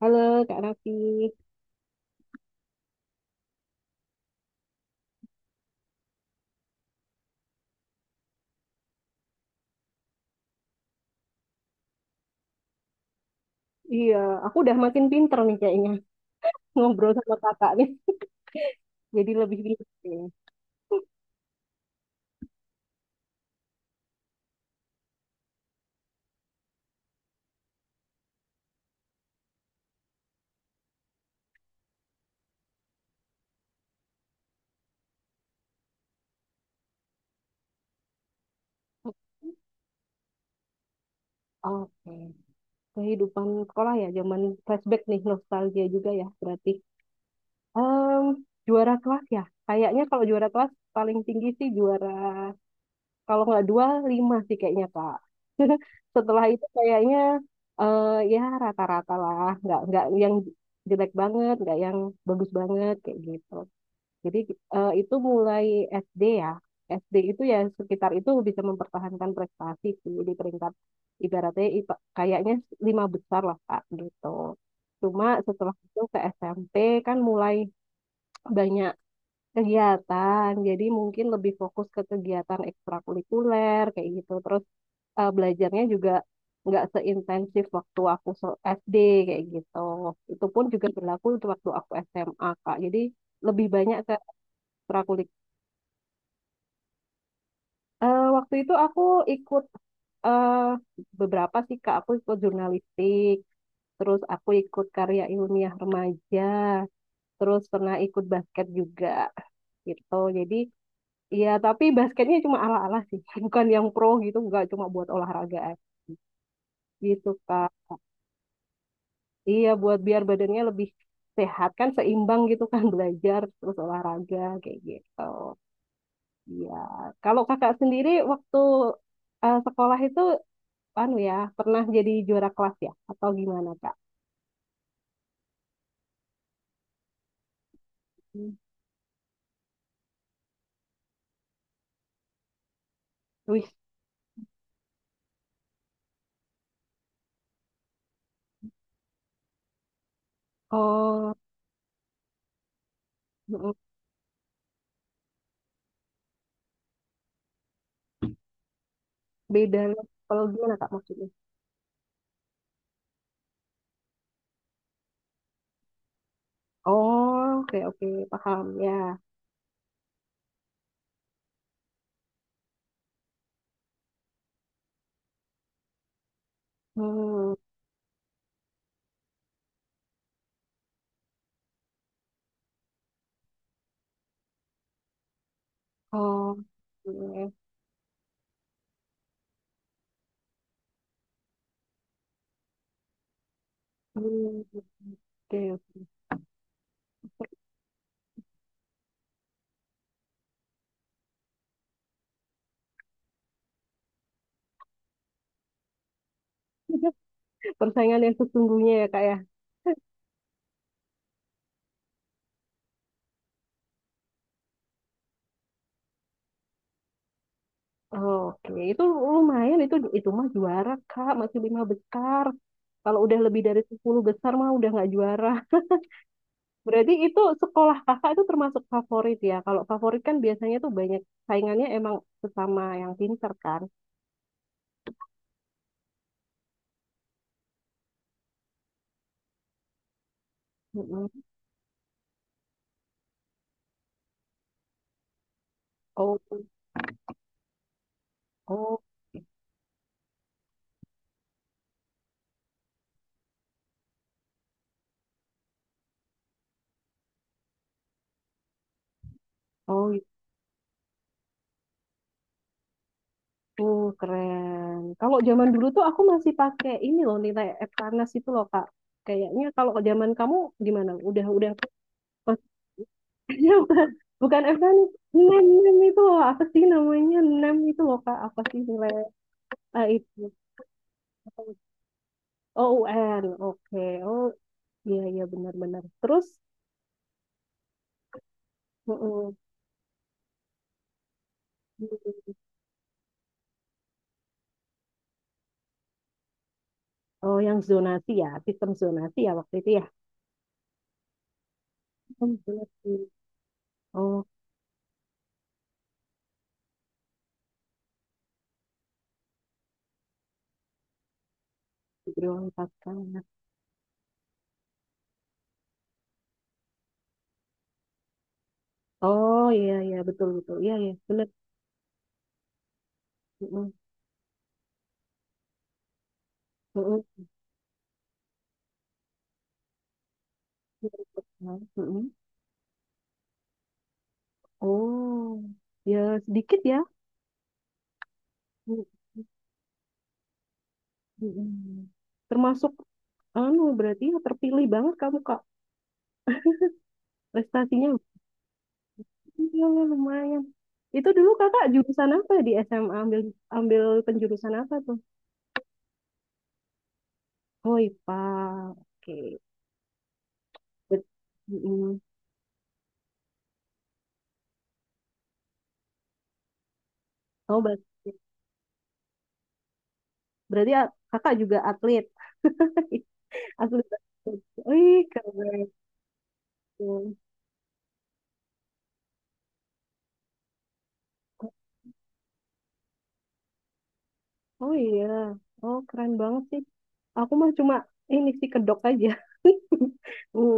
Halo Kak Raffi. Iya, aku udah makin pinter nih kayaknya ngobrol sama kakak nih. Jadi lebih pinter kayaknya. Oke, kehidupan sekolah ya, zaman flashback nih, nostalgia juga ya berarti. Em, juara kelas ya, kayaknya kalau juara kelas paling tinggi sih juara, kalau nggak dua, lima sih kayaknya Kak. Setelah itu kayaknya eh ya rata-rata lah, nggak yang jelek banget, nggak yang bagus banget kayak gitu. Jadi itu mulai SD ya. SD itu ya sekitar itu bisa mempertahankan prestasi sih di peringkat ibaratnya kayaknya lima besar lah Kak gitu. Cuma setelah itu ke SMP kan mulai banyak kegiatan. Jadi mungkin lebih fokus ke kegiatan ekstrakurikuler kayak gitu. Terus belajarnya juga nggak seintensif waktu aku SD kayak gitu. Itu pun juga berlaku untuk waktu aku SMA Kak. Jadi lebih banyak ke waktu itu aku ikut eh beberapa sih Kak, aku ikut jurnalistik, terus aku ikut karya ilmiah remaja, terus pernah ikut basket juga gitu. Jadi ya tapi basketnya cuma ala-ala sih, bukan yang pro gitu, nggak cuma buat olahraga aja gitu Kak. Iya buat biar badannya lebih sehat kan seimbang gitu kan belajar terus olahraga kayak gitu. Iya, kalau kakak sendiri waktu sekolah itu anu ya pernah jadi juara kelas ya atau gimana kak? Hmm. Wih, oh, mm, beda level gimana kak maksudnya? Oh, oke oke paham ya. Hmm, oh oke. Hmm, oke. Persaingan yang sesungguhnya ya kak ya. Oke, itu lumayan, itu mah juara kak masih lima besar. Kalau udah lebih dari 10 besar mah udah nggak juara. Berarti itu sekolah kakak itu termasuk favorit ya. Kalau favorit kan biasanya tuh banyak saingannya emang sesama yang pinter kan. Mm-mm. Oh, oh, oh, itu keren. Kalau zaman dulu tuh aku masih pakai ini loh nilai Eptanas itu loh Kak. Kayaknya kalau zaman kamu gimana? Udah maksudnya bukan bukan Eptanas, NEM NEM itu loh apa sih namanya NEM itu loh Kak? Apa sih nilai itu? Oh UN. Oke. Oh iya iya benar-benar. Terus mm Oh, yang zonasi ya, sistem zonasi ya waktu itu ya. Oh, bener. Oh, Grill empat kali. Oh iya iya betul betul. Iya iya benar. Mm-mm, mm-mm, mm-mm. Oh ya sedikit ya. Mm, mm-mm. Termasuk anu berarti ya terpilih banget kamu Kak prestasinya. Iya lumayan. Itu dulu Kakak jurusan apa di SMA ambil ambil penjurusan apa tuh? Oh IPA. Oke. Bet- mm-mm. Oh, baik. Berarti kakak juga atlet. Atlet basket. Wih, keren. Oh iya. Oh, keren banget sih. Aku mah cuma ini sih kedok aja. Hmm,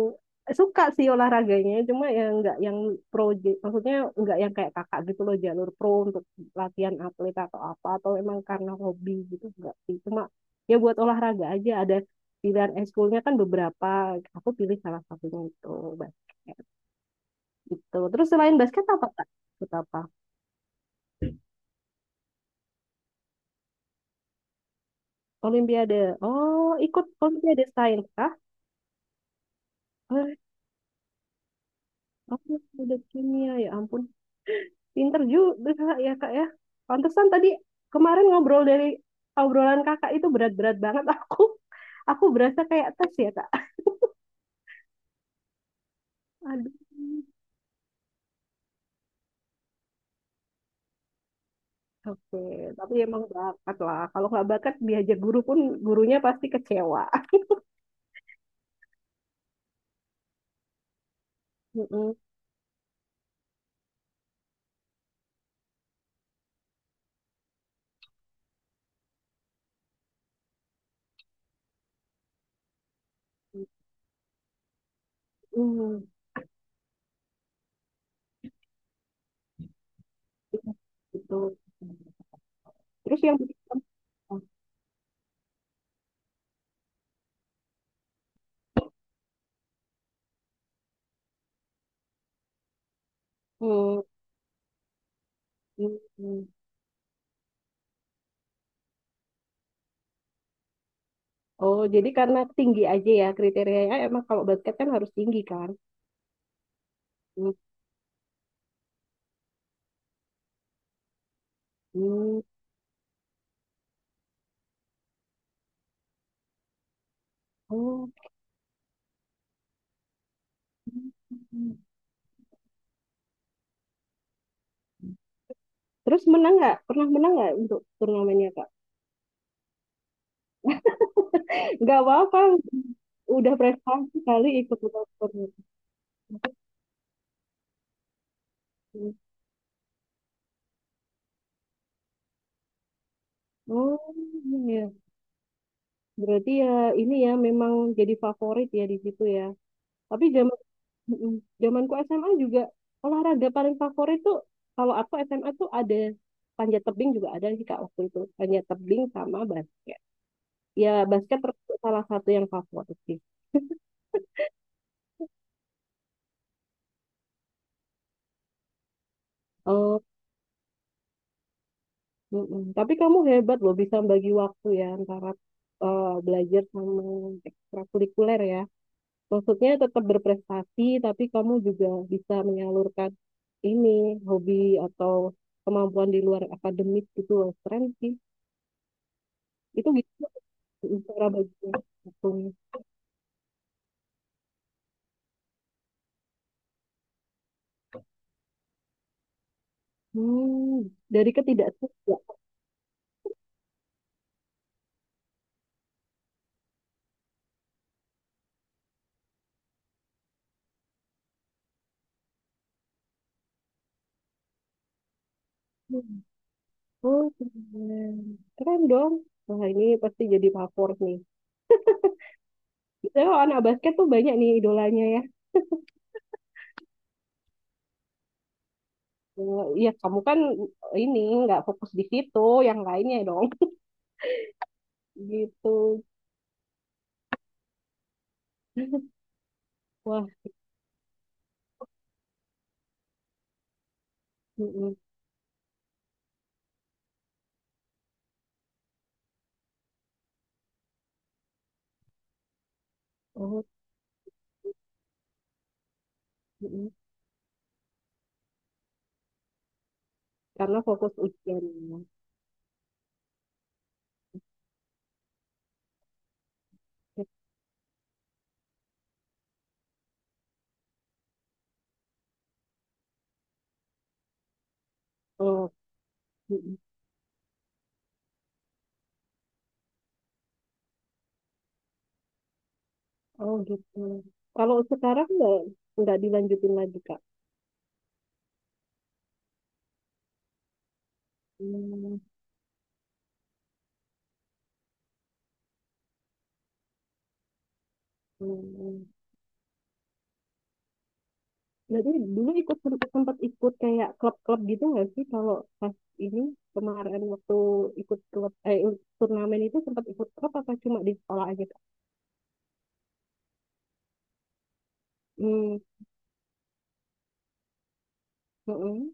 suka sih olahraganya, cuma ya nggak yang pro, maksudnya nggak yang kayak kakak gitu loh jalur pro untuk latihan atlet atau apa atau emang karena hobi gitu nggak sih. Cuma ya buat olahraga aja ada pilihan ekskulnya kan beberapa. Aku pilih salah satunya itu basket gitu. Terus selain basket apa kak? Ikut apa? Olimpiade. Oh, ikut Olimpiade Sains kah? Eh, oh, Olimpiade Kimia ya ampun. Pinter juga Kak, ya Kak ya. Pantesan tadi kemarin ngobrol dari obrolan Kakak itu berat-berat banget aku. Aku berasa kayak tes ya Kak. Aduh. Oke, tapi emang bakat lah. Kalau nggak bakat diajar guru pun gurunya pasti kecewa. Mm-mm. Mm. Gitu. Terus yang bikin- Hmm. Hmm. Oh, jadi karena tinggi aja ya kriterianya emang kalau basket kan harus tinggi kan? Hmm. Hmm. Oh. Terus menang nggak? Pernah menang nggak untuk turnamennya Kak? Nggak apa-apa, udah prestasi kali ikut turnamen. Oh, iya. Berarti ya ini ya memang jadi favorit ya di situ ya. Tapi mm, zamanku SMA juga olahraga paling favorit tuh, kalau aku SMA tuh ada panjat tebing juga ada sih Kak waktu itu. Panjat tebing sama basket. Ya, basket termasuk salah satu yang favorit sih. Oh, mm-mm. Tapi kamu hebat loh bisa bagi waktu ya antara belajar sama ekstrakurikuler ya. Maksudnya tetap berprestasi, tapi kamu juga bisa menyalurkan ini hobi atau kemampuan di luar akademik gitu loh. Keren sih. Itu gitu cara bagi waktunya. Hmm, dari ketidaksukaan. Oh, keren. Keren dong. Wah, ini pasti jadi favorit nih. Biasanya kalau anak basket tuh banyak nih idolanya ya. Ya kamu kan ini nggak fokus di situ, yang lainnya dong gitu. Wah, mm-mm. Oh, mm-mm. Karena fokus ujian. Oh, mm-mm. Oh gitu. Kalau sekarang nggak dilanjutin lagi Kak. Hmm, hmm. Jadi dulu ikut sempat, sempat ikut kayak klub-klub gitu nggak sih, kalau pas ini kemarin waktu ikut klub turnamen itu sempat ikut klub apa cuma di sekolah aja Kak? Hmm. Mm-mm.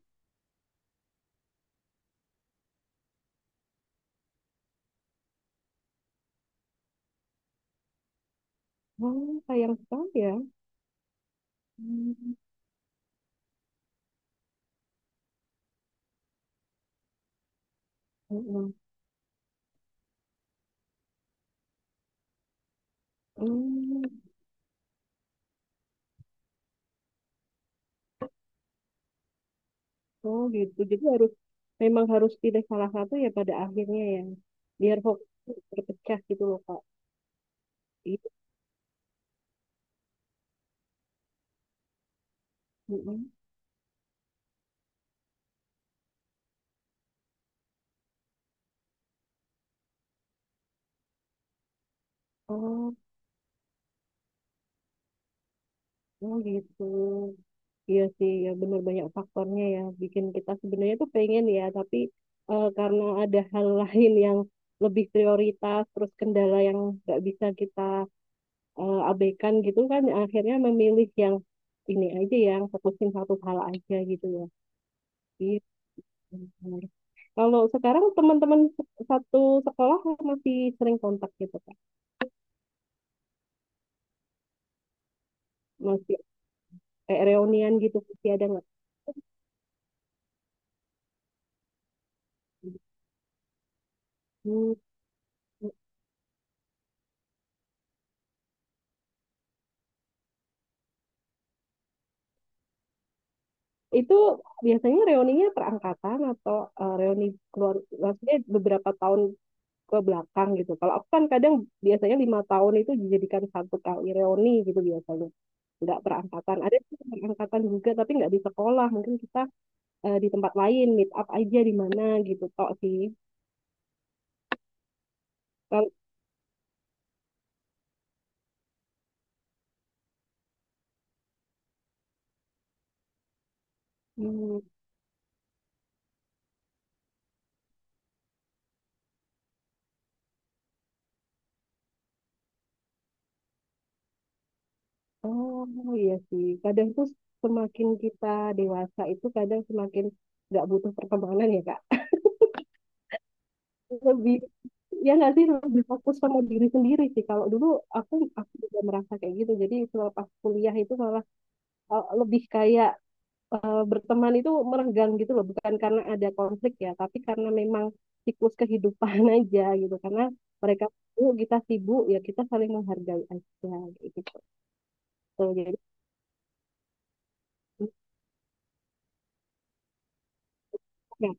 Oh, sayang sekali ya. Hmm, mm-mm. Hmm, oh gitu. Jadi harus memang harus pilih salah satu ya pada akhirnya ya. Biar fokus terpecah gitu loh Kak. Itu. Mm-mm. Oh, oh gitu. Iya sih, ya bener banyak faktornya ya. Bikin kita sebenarnya tuh pengen ya, tapi karena ada hal lain yang lebih prioritas, terus kendala yang nggak bisa kita abekan gitu kan akhirnya memilih yang ini aja yang fokusin satu hal aja gitu ya. Gitu. Benar. Kalau sekarang teman-teman satu sekolah masih sering kontak gitu kan, masih reunian gitu masih ada nggak? Hmm. Itu biasanya reuninya perangkatan atau reuni keluar, maksudnya beberapa tahun ke belakang gitu. Kalau aku kan kadang biasanya 5 tahun itu dijadikan satu kali reuni gitu biasanya. Nggak perangkatan, ada sih perangkatan juga, tapi nggak di sekolah, mungkin kita di tempat lain meet up aja di mana gitu tok sih. Kalau hmm, oh iya sih kadang tuh semakin kita dewasa itu kadang semakin nggak butuh pertemanan ya kak, lebih, ya nggak sih lebih fokus sama diri sendiri sih. Kalau dulu aku aku juga merasa kayak gitu, jadi selepas kuliah itu malah lebih kayak berteman itu merenggang gitu loh, bukan karena ada konflik ya, tapi karena memang siklus kehidupan aja gitu. Karena mereka sibuk, kita sibuk, ya kita saling menghargai aja gitu. Tuh, jadi ya,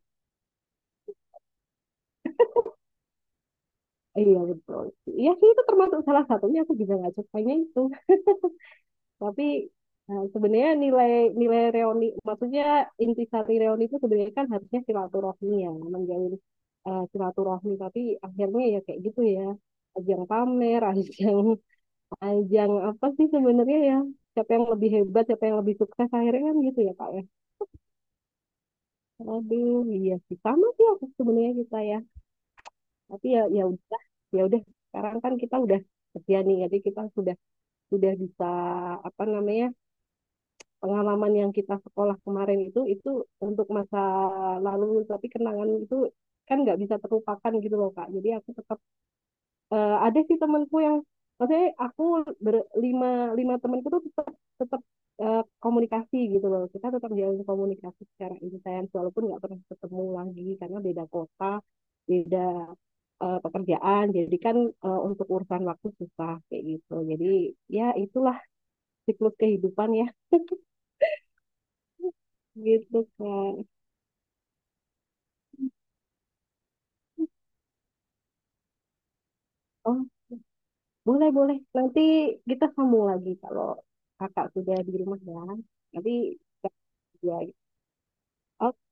iya betul. Iya sih itu termasuk salah satunya aku juga nggak sukanya itu. Tapi sebenarnya nilai nilai reuni, maksudnya intisari reuni itu sebenarnya kan harusnya silaturahmi ya, menjalin silaturahmi. Tapi akhirnya ya kayak gitu ya, ajang pamer, ajang ajang apa sih sebenarnya ya, siapa yang lebih hebat, siapa yang lebih sukses akhirnya kan gitu ya Kak ya. Aduh iya sih, sama sih aku sebenarnya, kita ya. Tapi ya, ya udah, sekarang kan kita udah kerja nih, jadi kita sudah bisa apa namanya, pengalaman yang kita sekolah kemarin itu untuk masa lalu, tapi kenangan itu kan nggak bisa terlupakan gitu loh Kak. Jadi aku tetap ada sih temenku yang, maksudnya aku berlima, lima temenku tuh tetap tetap eh, komunikasi gitu loh, kita tetap jalan komunikasi secara intens walaupun nggak pernah ketemu lagi karena beda kota, beda pekerjaan, jadi kan untuk urusan waktu susah kayak gitu. Jadi ya itulah siklus kehidupan ya gitu kan. Oh boleh boleh, nanti kita sambung lagi kalau kakak sudah di rumah ya nanti kita- ya. Oke.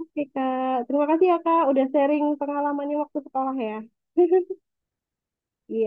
Oke, Kak. Terima kasih ya, Kak, udah sharing pengalamannya waktu sekolah ya. Iya.